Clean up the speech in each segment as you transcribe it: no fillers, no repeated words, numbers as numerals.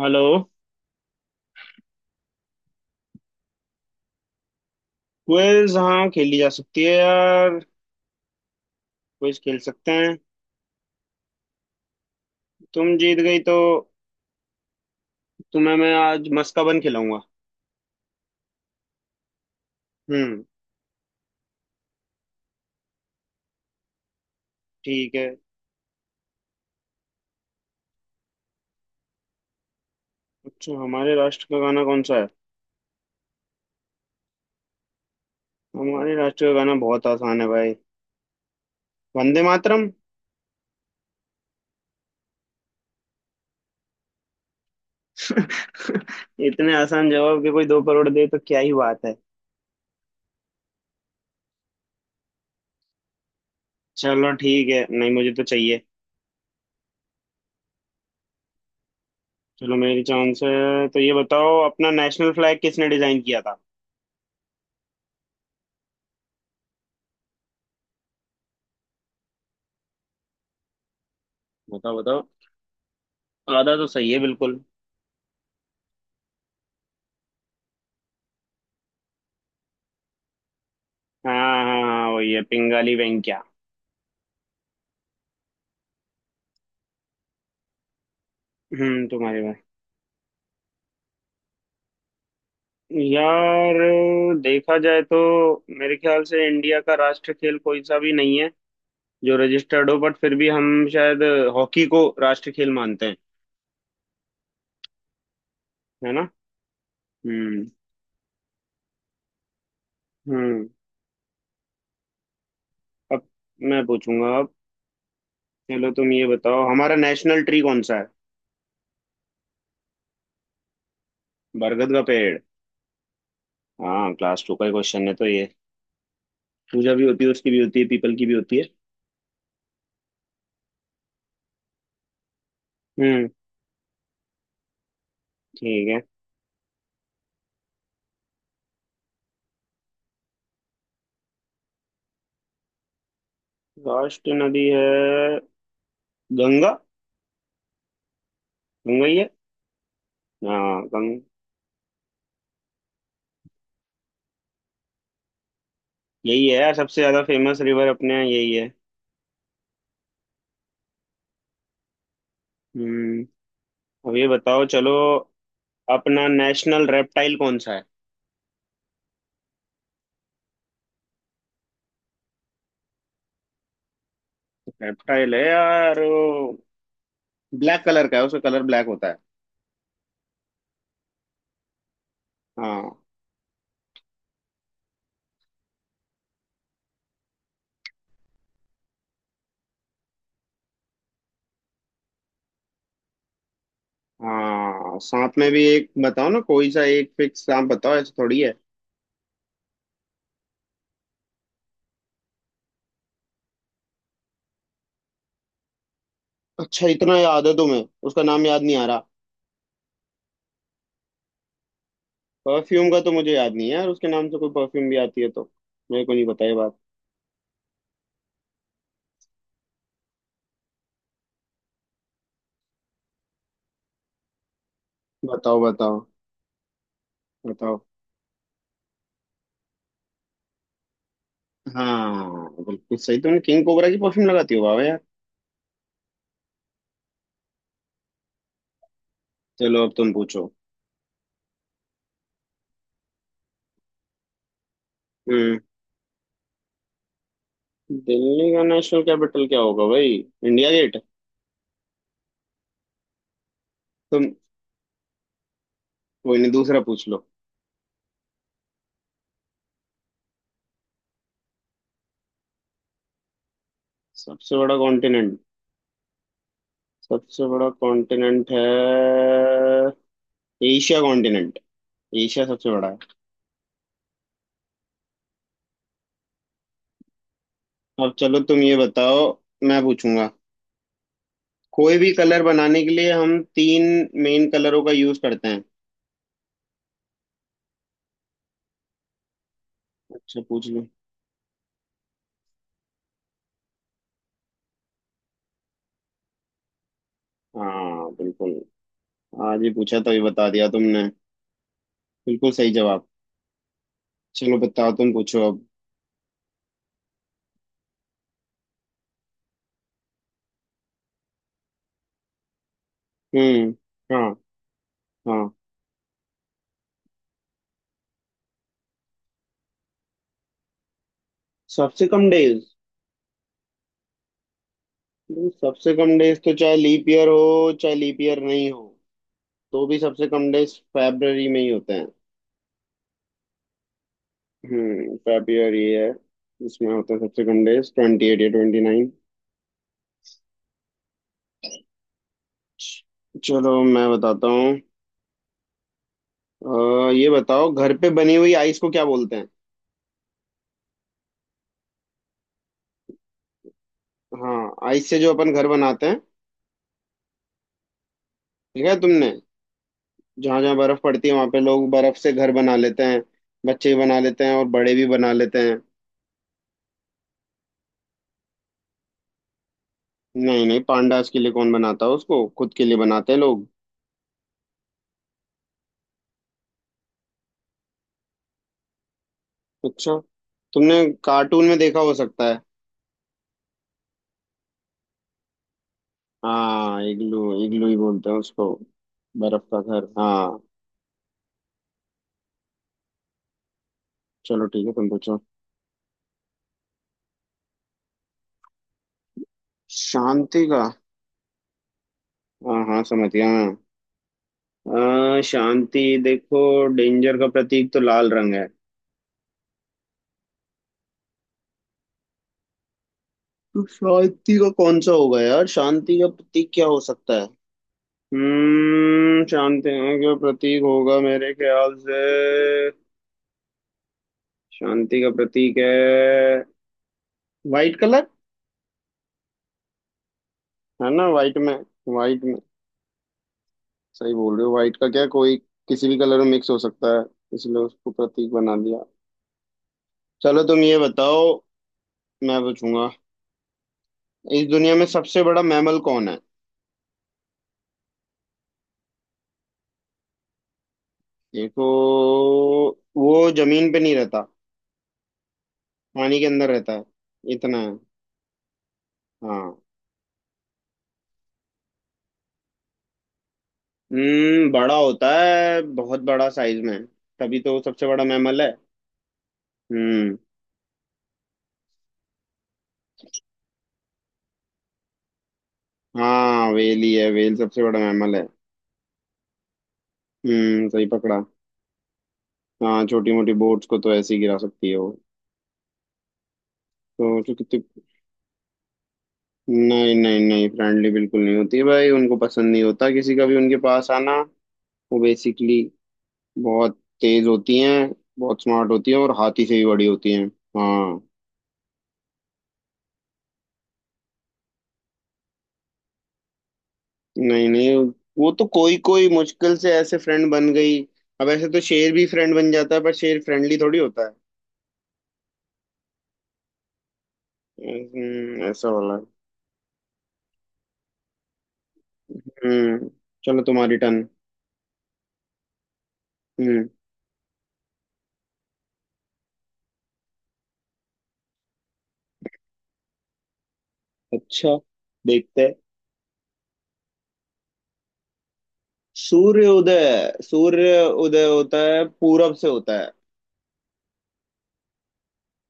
Hello. Quiz हाँ खेली जा सकती है यार। क्विज खेल सकते हैं। तुम जीत गई तो तुम्हें मैं आज मस्काबन खिलाऊंगा। हम्म। ठीक है। अच्छा हमारे राष्ट्र का गाना कौन सा है। हमारे राष्ट्र का गाना बहुत आसान है भाई। वंदे मातरम। इतने आसान जवाब के कोई 2 करोड़ दे तो क्या ही बात है। चलो ठीक है, नहीं मुझे तो चाहिए। चलो मेरी चांस है तो ये बताओ, अपना नेशनल फ्लैग किसने डिजाइन किया था। बताओ बताओ। आधा तो सही है बिल्कुल। हाँ हाँ हाँ, वही है पिंगाली वेंकैया। हम्म, तुम्हारे में। यार देखा जाए तो, मेरे ख्याल से इंडिया का राष्ट्र खेल कोई सा भी नहीं है जो रजिस्टर्ड हो, बट फिर भी हम शायद हॉकी को राष्ट्र खेल मानते हैं। है ना। हम्म। हम्म, अब मैं पूछूंगा अब। चलो तुम ये बताओ, हमारा नेशनल ट्री कौन सा है। बरगद का पेड़। हाँ क्लास 2 का क्वेश्चन है तो ये। पूजा भी होती है, उसकी भी होती है, पीपल की भी होती है। हम्म। ठीक है। राष्ट्र नदी है गंगा, गंगा ही है। हाँ कम। यही है यार, सबसे ज्यादा फेमस रिवर अपने यहाँ यही है। हम्म। अब ये बताओ चलो, अपना नेशनल रेप्टाइल कौन सा है। रेप्टाइल है यार वो, ब्लैक कलर का है, उसका कलर ब्लैक होता है। हाँ। हाँ सांप में भी एक बताओ ना, कोई सा एक फिक्स सांप बताओ, ऐसे थोड़ी है। अच्छा इतना याद है तुम्हें। उसका नाम याद नहीं आ रहा। परफ्यूम का तो मुझे याद नहीं है यार, उसके नाम से कोई परफ्यूम भी आती है तो मेरे को नहीं पता ये बात। बताओ बताओ। बताओ। हाँ बिल्कुल सही, तुमने किंग कोबरा की परफ्यूम लगाती हो बाबा यार। चलो अब तुम पूछो। हम्म, दिल्ली का नेशनल कैपिटल क्या होगा भाई, इंडिया गेट। तुम, कोई नहीं दूसरा पूछ लो। सबसे बड़ा कॉन्टिनेंट। सबसे बड़ा कॉन्टिनेंट है एशिया कॉन्टिनेंट, एशिया सबसे बड़ा है। अब चलो तुम ये बताओ। मैं पूछूंगा। कोई भी कलर बनाने के लिए हम तीन मेन कलरों का यूज करते हैं। अच्छा पूछ लो। हाँ बिल्कुल। आज ही पूछा तो ये बता दिया तुमने। बिल्कुल सही जवाब। चलो बताओ, तुम पूछो अब। हम्म। हाँ। हाँ। सबसे कम डेज। सबसे कम डेज तो, चाहे लीप ईयर हो चाहे लीप ईयर नहीं हो, तो भी सबसे कम डेज फरवरी में ही होते हैं। फरवरी है। इसमें होता है सबसे कम डेज 28 या 29। चलो मैं बताता हूँ। ये बताओ, घर पे बनी हुई आइस को क्या बोलते हैं। हाँ आइस से जो अपन घर बनाते हैं। ठीक है तुमने। जहाँ जहाँ बर्फ पड़ती है वहां पे लोग बर्फ से घर बना लेते हैं। बच्चे भी बना लेते हैं और बड़े भी बना लेते हैं। नहीं नहीं, पांडास के लिए कौन बनाता है, उसको खुद के लिए बनाते हैं लोग। अच्छा तुमने कार्टून में देखा हो सकता है। हाँ इग्लू इग्लू ही बोलते हैं उसको। बर्फ का घर हाँ। चलो ठीक है तुम पूछो। शांति का। हाँ हाँ समझ गया हाँ। शांति देखो, डेंजर का प्रतीक तो लाल रंग है, तो शांति का कौन सा होगा यार, शांति का प्रतीक क्या हो सकता है। शांति का प्रतीक होगा मेरे ख्याल से, शांति का प्रतीक है वाइट कलर। है ना, वाइट में। वाइट में सही बोल रहे हो, वाइट का क्या, कोई किसी भी कलर में मिक्स हो सकता है, इसलिए उसको प्रतीक बना दिया। चलो तुम ये बताओ। मैं पूछूंगा। इस दुनिया में सबसे बड़ा मैमल कौन है। देखो, वो जमीन पे नहीं रहता, पानी के अंदर रहता है। इतना है। हाँ। बड़ा होता है, बहुत बड़ा साइज में, तभी तो वो सबसे बड़ा मैमल है। हम्म। हाँ वेल ही है, वेल सबसे बड़ा मैमल है। सही पकड़ा। हाँ छोटी मोटी बोट्स को तो ऐसे ही गिरा सकती है वो। तो कितनी। नहीं नहीं नहीं, फ्रेंडली बिल्कुल नहीं होती है भाई, उनको पसंद नहीं होता किसी का भी उनके पास आना। वो बेसिकली बहुत तेज होती हैं, बहुत स्मार्ट होती हैं, और हाथी से भी बड़ी होती हैं। हाँ। नहीं नहीं, वो तो कोई कोई मुश्किल से ऐसे फ्रेंड बन गई। अब ऐसे तो शेर भी फ्रेंड बन जाता है, पर शेर फ्रेंडली थोड़ी होता है। ऐसा वाला। हम्म चलो तुम्हारी टर्न। हम्म। अच्छा देखते हैं। सूर्य उदय होता है, पूरब से होता है।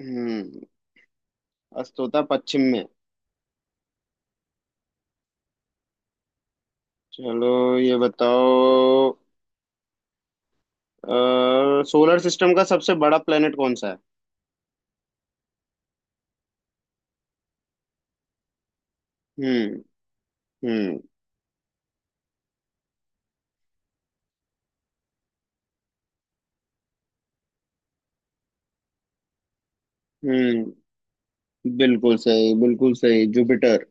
हम्म। अस्त होता है पश्चिम में। चलो ये बताओ, सोलर सिस्टम का सबसे बड़ा प्लेनेट कौन सा है। हम्म। हम्म। हम्म बिल्कुल सही, बिल्कुल सही, जुपिटर।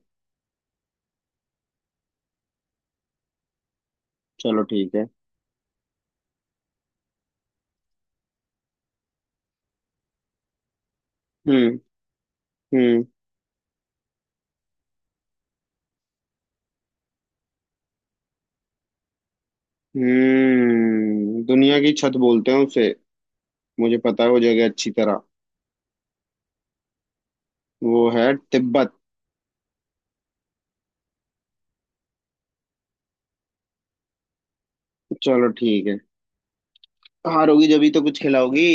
चलो ठीक है। हम्म। हम्म। दुनिया की छत बोलते हैं उसे, मुझे पता है वो जगह अच्छी तरह। वो है तिब्बत। चलो ठीक है। हारोगी जब ही तो कुछ खिलाओगी।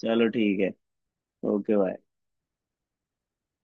चलो ठीक है। Okay bye.